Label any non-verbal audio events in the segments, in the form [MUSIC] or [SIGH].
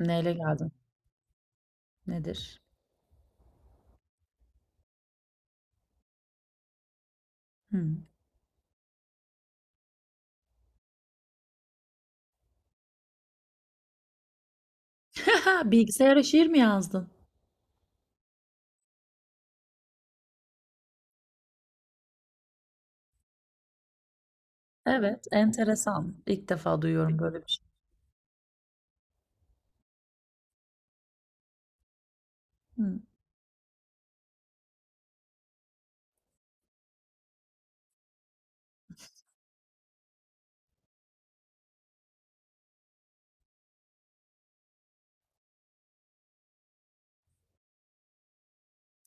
Neyle geldin? Nedir? Hmm. [LAUGHS] Bilgisayara şiir mi yazdın? Evet, enteresan. İlk defa duyuyorum böyle bir şey. Hmm.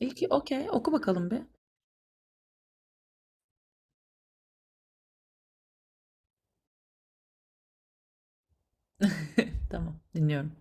İyi ki, okey, oku bakalım bir. [LAUGHS] Tamam, dinliyorum.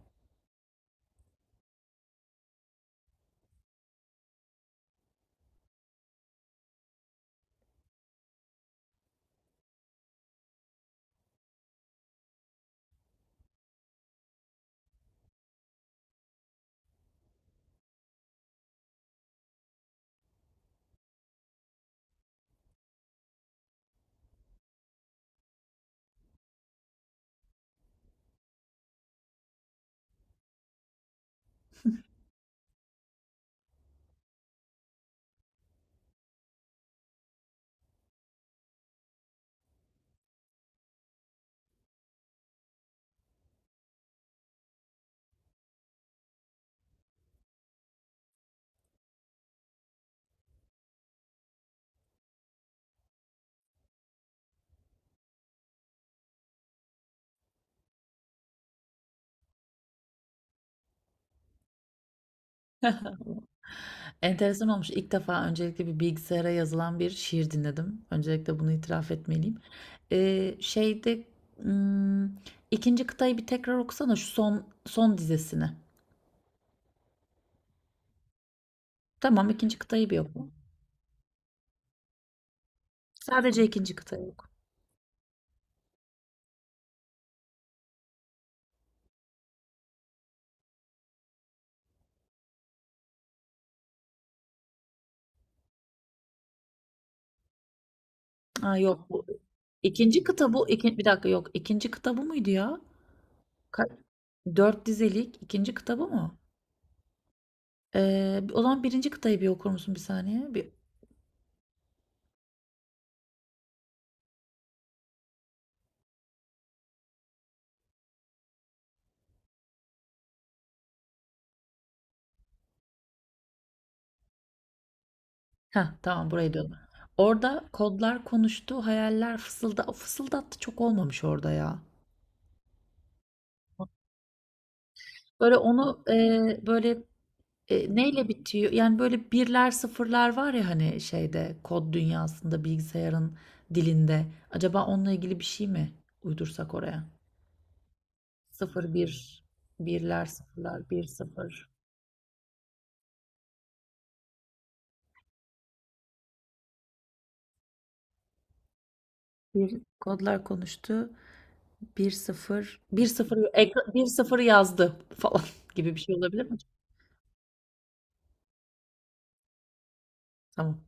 Tamam. Enteresan olmuş. İlk defa öncelikle bir bilgisayara yazılan bir şiir dinledim. Öncelikle bunu itiraf etmeliyim. Şeyde hmm, ikinci kıtayı bir tekrar okusana şu son son dizesini. Tamam, ikinci kıtayı bir oku. Sadece ikinci kıtayı oku. Ha yok. İkinci kitabı iki, bir dakika yok. İkinci kitabı mıydı ya? Ka- Dört dizelik ikinci kitabı mı? O zaman birinci kıtayı bir okur musun bir saniye? Heh, tamam burayı diyorum. Orada kodlar konuştu, hayaller fısıldattı çok olmamış orada ya. Böyle onu e, böyle e, neyle bitiyor? Yani böyle birler sıfırlar var ya hani şeyde kod dünyasında bilgisayarın dilinde. Acaba onunla ilgili bir şey mi uydursak oraya? Sıfır bir, birler sıfırlar, bir sıfır. Bir kodlar konuştu. Bir sıfır, bir sıfır, bir sıfır yazdı falan [LAUGHS] gibi bir şey olabilir mi? Tamam.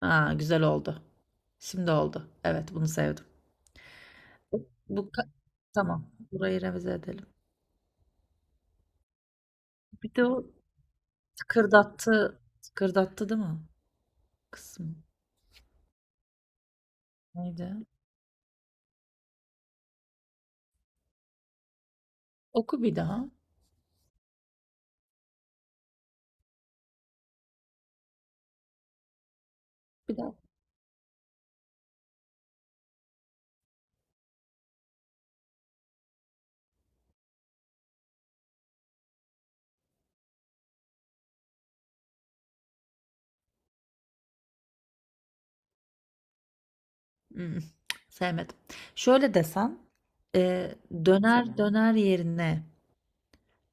Ha, güzel oldu. Şimdi oldu. Evet, bunu sevdim. Bu ka- tamam. Burayı revize edelim. Bir de o tıkırdattı değil mi? Kısım. Neydi? Oku bir daha. Bir daha. Hmm, Sevmedim. Şöyle desen, e, döner döner yerine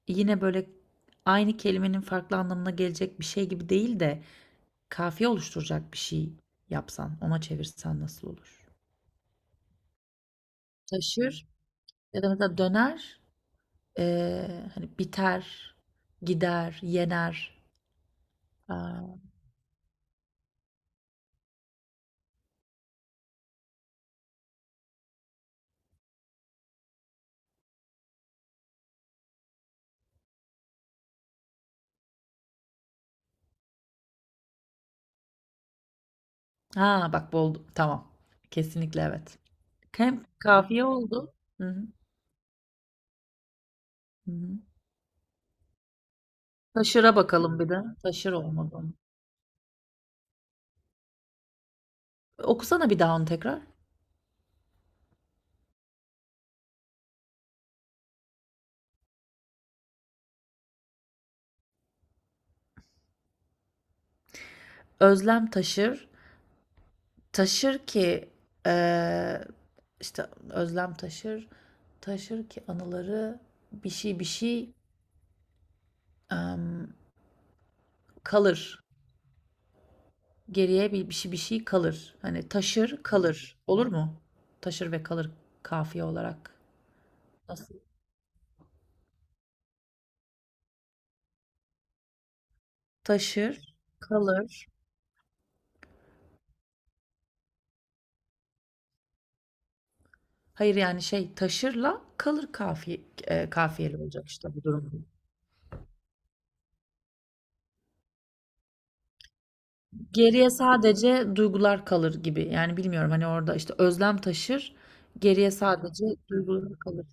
yine böyle aynı kelimenin farklı anlamına gelecek bir şey gibi değil de kafiye oluşturacak bir şey yapsan, ona çevirsen nasıl olur? Taşır ya da mesela döner, hani biter, gider, yener. Aa, ha bak bu oldu. Tamam. Kesinlikle evet. Hem kafiye oldu. Hı hı. Hı hı. Taşıra bakalım bir de. Taşır olmadı. Okusana bir daha onu tekrar. Özlem taşır, taşır ki eee, işte özlem taşır, taşır ki anıları bir şey bir şey em, kalır. Geriye bir şey bir şey kalır. Hani taşır kalır. Olur mu? Taşır ve kalır kafiye olarak. Nasıl? Taşır kalır. Hayır yani şey taşırla kalır kafiye, kafiyeli olacak işte bu durum. Geriye sadece duygular kalır gibi. Yani bilmiyorum hani orada işte özlem taşır, geriye sadece duygular kalır.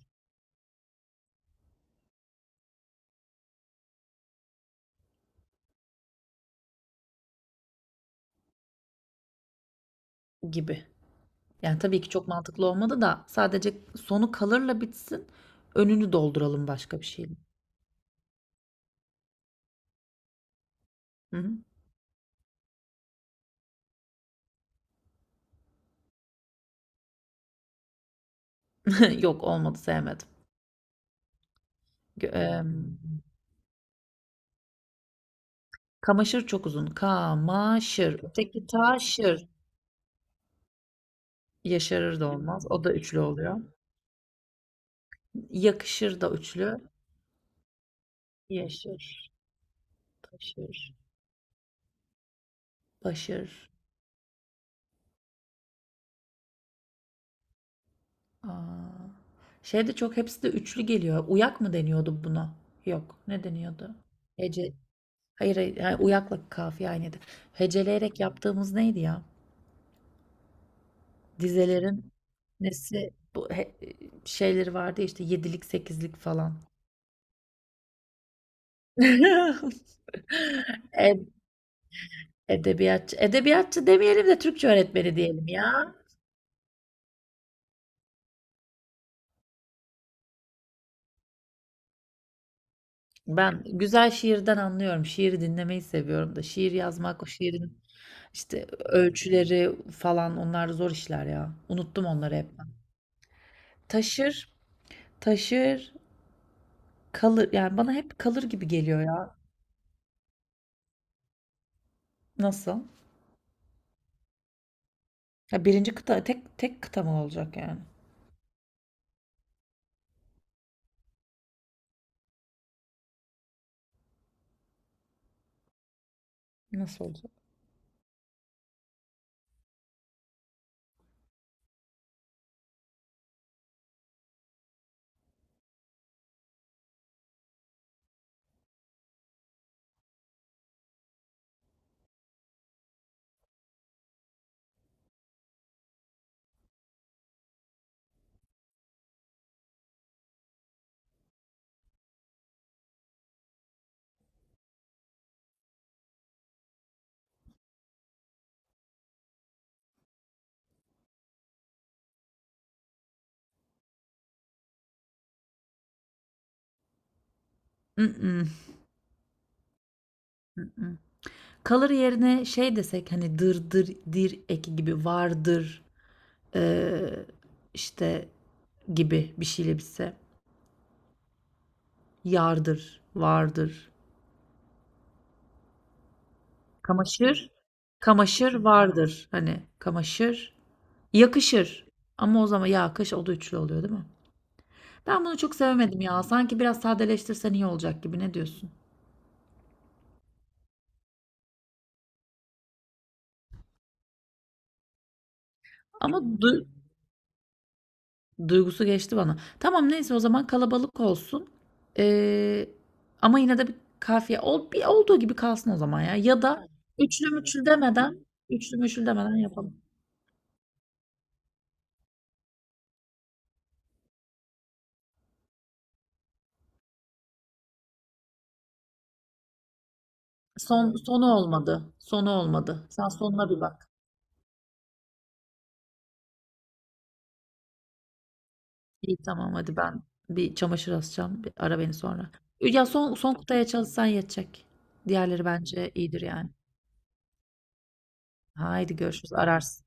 Gibi. Yani, tabii ki çok mantıklı olmadı da sadece sonu kalırla bitsin, önünü dolduralım başka bir şeyle. Hı hı. [LAUGHS] Yok, olmadı, sevmedim. Gö Kamaşır çok uzun. Kamaşır. Öteki taşır. Yaşarır da olmaz. O da üçlü oluyor. Yakışır da üçlü. Yaşır, taşır, başır. A! Şey de çok hepsi de üçlü geliyor. Uyak mı deniyordu buna? Yok. Ne deniyordu? Hece Hayır, hayır, ha, uyakla kafiye aynıydı. Heceleyerek yaptığımız neydi ya? Dizelerin nesi şeyleri vardı ya işte yedilik sekizlik falan. [LAUGHS] E- Edebiyatçı, edebiyatçı demeyelim de Türkçe öğretmeni diyelim ya. Ben güzel şiirden anlıyorum. Şiiri dinlemeyi seviyorum da. Şiir yazmak, o şiirin işte ölçüleri falan onlar zor işler ya. Unuttum onları hep ben. Taşır, taşır, kalır. Yani bana hep kalır gibi geliyor ya. Nasıl? Ya birinci kıta tek tek kıta mı olacak yani? Nasıl olacak? Mm-mm, mm-mm. Kalır yerine şey desek hani dırdır dir eki gibi vardır eee, işte gibi bir şeyle bitse. Yardır, vardır. Kamaşır, kamaşır vardır. Hani kamaşır, yakışır. Ama o zaman o da üçlü oluyor değil mi? Ben bunu çok sevemedim ya. Sanki biraz sadeleştirsen iyi olacak gibi. Ne diyorsun? Ama du- Duygusu geçti bana. Tamam neyse o zaman kalabalık olsun. Ee, Ama yine de bir olduğu gibi kalsın o zaman ya. Ya da üçlü müçlü demeden yapalım. Sonu olmadı. Sonu olmadı. Sen sonuna bir bak. İyi tamam hadi ben bir çamaşır asacağım. Bir ara beni sonra. Ya son kutuya çalışsan yetecek. Diğerleri bence iyidir yani. Haydi görüşürüz. Ararsın.